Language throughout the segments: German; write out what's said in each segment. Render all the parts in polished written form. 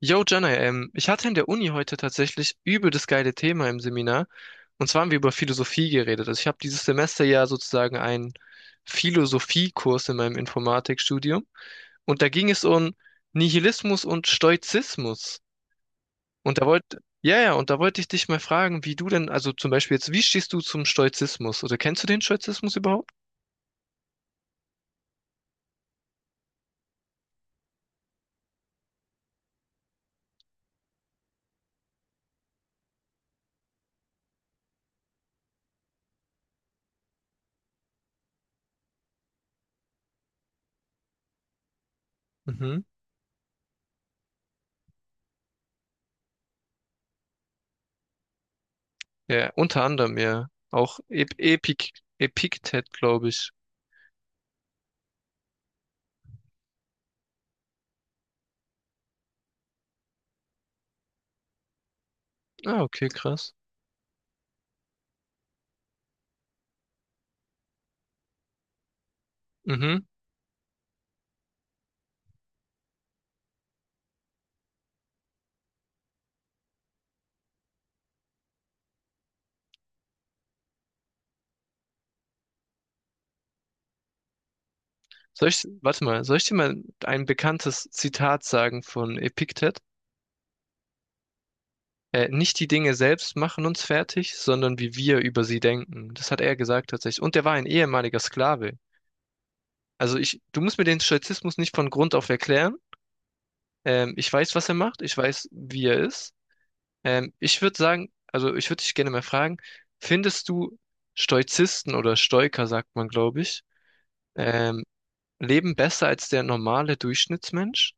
Yo, Jana, ich hatte in der Uni heute tatsächlich übel das geile Thema im Seminar. Und zwar haben wir über Philosophie geredet. Also ich habe dieses Semester ja sozusagen einen Philosophiekurs in meinem Informatikstudium. Und da ging es um Nihilismus und Stoizismus. Ja, ja, und da wollte ich dich mal fragen, wie du denn, also zum Beispiel jetzt, wie stehst du zum Stoizismus? Oder kennst du den Stoizismus überhaupt? Mhm. Ja, unter anderem, ja. Auch Ep Epik Epiktet, glaube ich. Ah, okay, krass. Mhm. Warte mal, soll ich dir mal ein bekanntes Zitat sagen von Epiktet? Nicht die Dinge selbst machen uns fertig, sondern wie wir über sie denken. Das hat er gesagt tatsächlich. Und er war ein ehemaliger Sklave. Also du musst mir den Stoizismus nicht von Grund auf erklären. Ich weiß, was er macht. Ich weiß, wie er ist. Also ich würde dich gerne mal fragen, findest du Stoizisten oder Stoiker, sagt man, glaube ich, ähm, leben besser als der normale Durchschnittsmensch?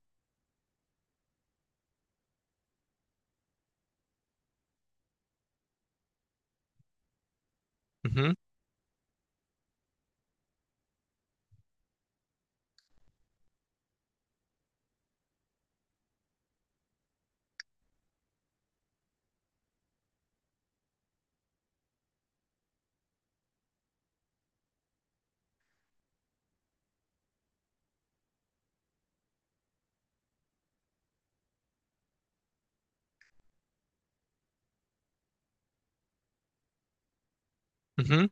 Mhm, mhm,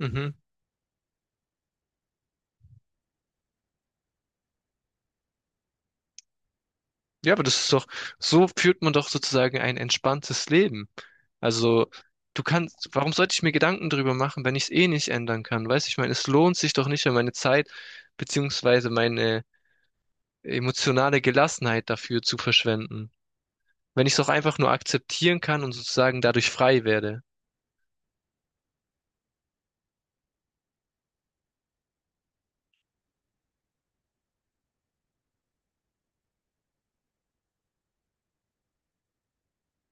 mhm. Ja, so führt man doch sozusagen ein entspanntes Leben. Also, warum sollte ich mir Gedanken darüber machen, wenn ich es eh nicht ändern kann? Weißt du, ich meine, es lohnt sich doch nicht, meine Zeit beziehungsweise meine emotionale Gelassenheit dafür zu verschwenden. Wenn ich es doch einfach nur akzeptieren kann und sozusagen dadurch frei werde.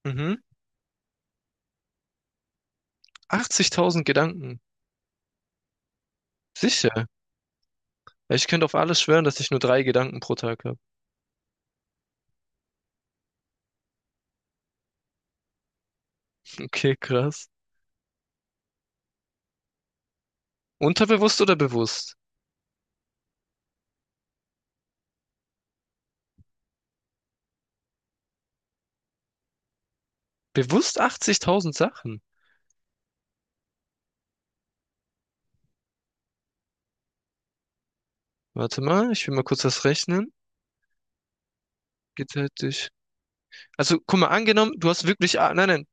Mhm. 80.000 Gedanken. Sicher. Ja, ich könnte auf alles schwören, dass ich nur drei Gedanken pro Tag habe. Okay, krass. Unterbewusst oder bewusst? Bewusst 80.000 Sachen. Warte mal, ich will mal kurz das rechnen. Geteilt durch. Also, guck mal, angenommen, du hast wirklich. Ah, nein, nein.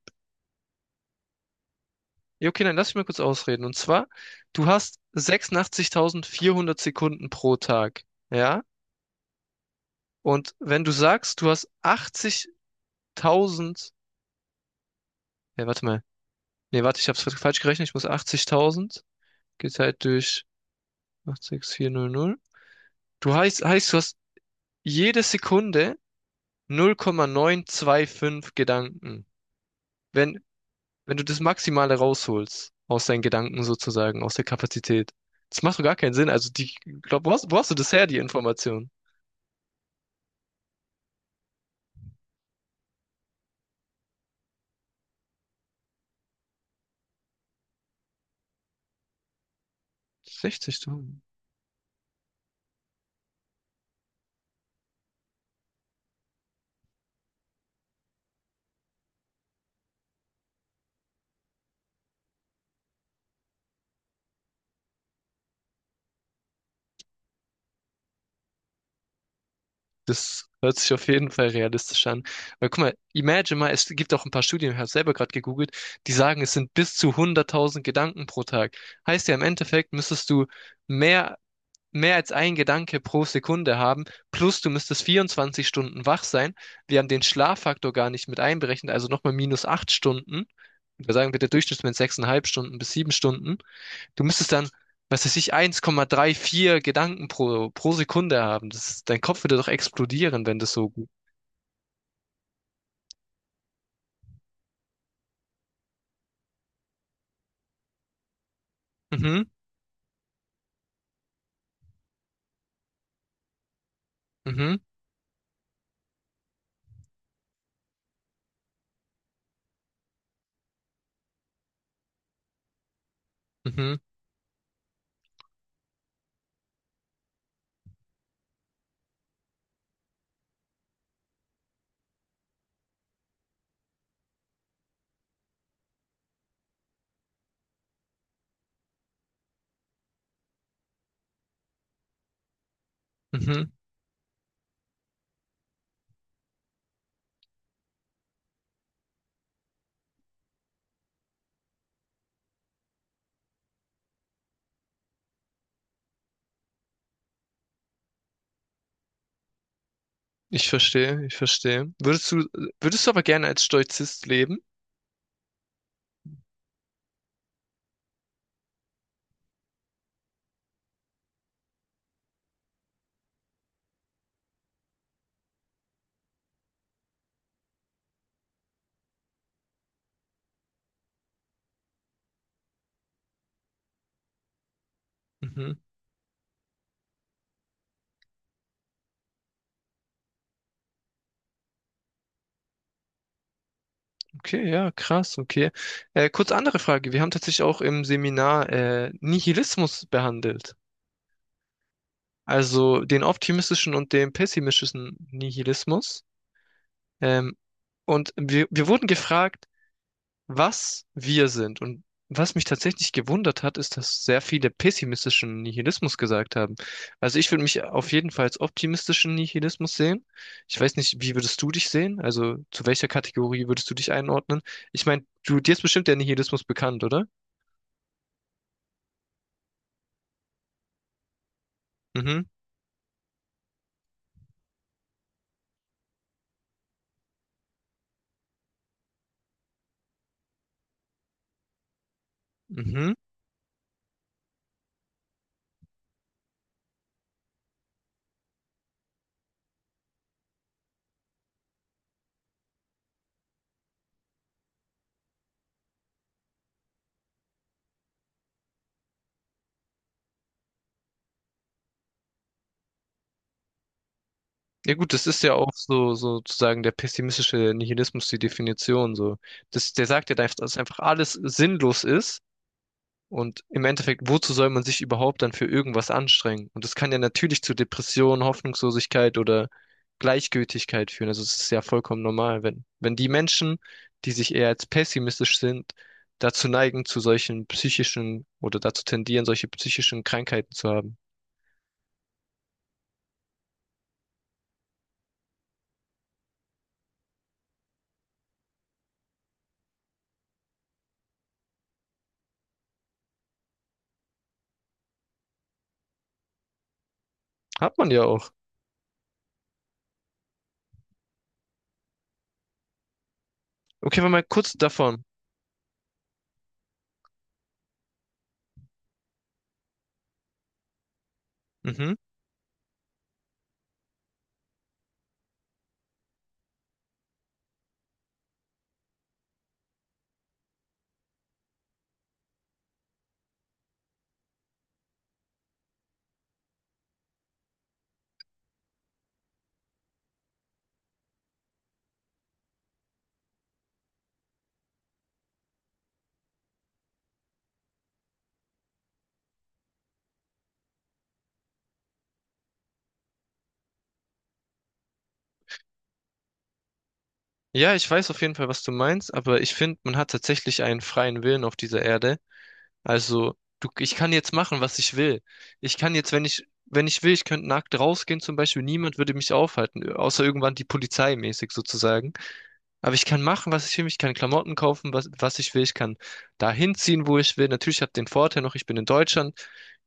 Ja, okay, nein, lass mich mal kurz ausreden. Und zwar, du hast 86.400 Sekunden pro Tag. Ja? Und wenn du sagst, du hast 80.000. Ja, warte mal. Nee, warte, ich hab's falsch gerechnet. Ich muss 80.000 geteilt durch 68.400. Heißt, du hast jede Sekunde 0,925 Gedanken. Wenn wenn du das Maximale rausholst, aus deinen Gedanken sozusagen, aus der Kapazität. Das macht doch gar keinen Sinn. Also, ich glaub, wo hast du das her, die Information? 60 Tonnen. Das hört sich auf jeden Fall realistisch an. Weil guck mal, imagine mal, es gibt auch ein paar Studien, ich habe selber gerade gegoogelt, die sagen, es sind bis zu 100.000 Gedanken pro Tag. Heißt ja, im Endeffekt müsstest du mehr mehr als ein Gedanke pro Sekunde haben, plus du müsstest 24 Stunden wach sein. Wir haben den Schlaffaktor gar nicht mit einberechnet, also nochmal minus 8 Stunden. Wir sagen bitte Durchschnittswert 6,5 Stunden bis 7 Stunden. Du müsstest dann, was weiß ich, 1,34 Gedanken pro Sekunde haben. Dein Kopf würde doch explodieren, wenn das so gut. Mhm, mhm, mhm, mhm. Ich verstehe, ich verstehe. Würdest du aber gerne als Stoizist leben? Mhm. Okay, ja, krass, okay. Kurz andere Frage. Wir haben tatsächlich auch im Seminar Nihilismus behandelt. Also den optimistischen und den pessimistischen Nihilismus. Ähm, und wir wurden gefragt, was wir sind. Und was mich tatsächlich gewundert hat, ist, dass sehr viele pessimistischen Nihilismus gesagt haben. Also ich würde mich auf jeden Fall als optimistischen Nihilismus sehen. Ich weiß nicht, wie würdest du dich sehen? Also zu welcher Kategorie würdest du dich einordnen? Ich meine, dir ist bestimmt der Nihilismus bekannt, oder? Mhm, mhm. Ja gut, das ist ja auch so sozusagen der pessimistische Nihilismus, die Definition so. Der sagt ja, dass einfach alles sinnlos ist. Und im Endeffekt, wozu soll man sich überhaupt dann für irgendwas anstrengen? Und das kann ja natürlich zu Depressionen, Hoffnungslosigkeit oder Gleichgültigkeit führen. Also es ist ja vollkommen normal, wenn die Menschen, die sich eher als pessimistisch sind, dazu neigen, zu solchen psychischen oder dazu tendieren, solche psychischen Krankheiten zu haben. Hat man ja auch. Okay, aber mal kurz davon. Mhm. Ja, ich weiß auf jeden Fall, was du meinst, aber ich finde, man hat tatsächlich einen freien Willen auf dieser Erde. Also, ich kann jetzt machen, was ich will. Ich kann jetzt, wenn ich will, ich könnte nackt rausgehen zum Beispiel. Niemand würde mich aufhalten, außer irgendwann die Polizei mäßig sozusagen. Aber ich kann machen, was ich will. Ich kann Klamotten kaufen, was ich will. Ich kann dahin ziehen, wo ich will. Natürlich habe ich den Vorteil noch, ich bin in Deutschland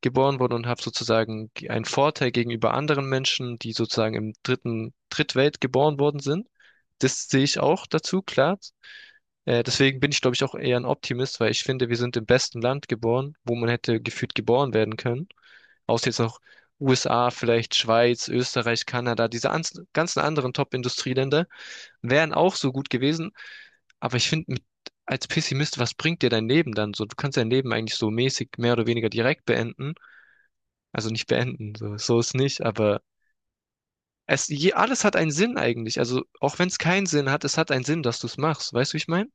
geboren worden und habe sozusagen einen Vorteil gegenüber anderen Menschen, die sozusagen Drittwelt geboren worden sind. Das sehe ich auch dazu, klar. Deswegen bin ich, glaube ich, auch eher ein Optimist, weil ich finde, wir sind im besten Land geboren, wo man hätte gefühlt geboren werden können. Außer jetzt noch USA, vielleicht Schweiz, Österreich, Kanada, diese ganzen anderen Top-Industrieländer wären auch so gut gewesen. Aber ich finde, als Pessimist, was bringt dir dein Leben dann so? Du kannst dein Leben eigentlich so mäßig mehr oder weniger direkt beenden. Also nicht beenden, so ist nicht, aber alles hat einen Sinn eigentlich. Also auch wenn es keinen Sinn hat, es hat einen Sinn, dass du es machst. Weißt du, wie ich meine?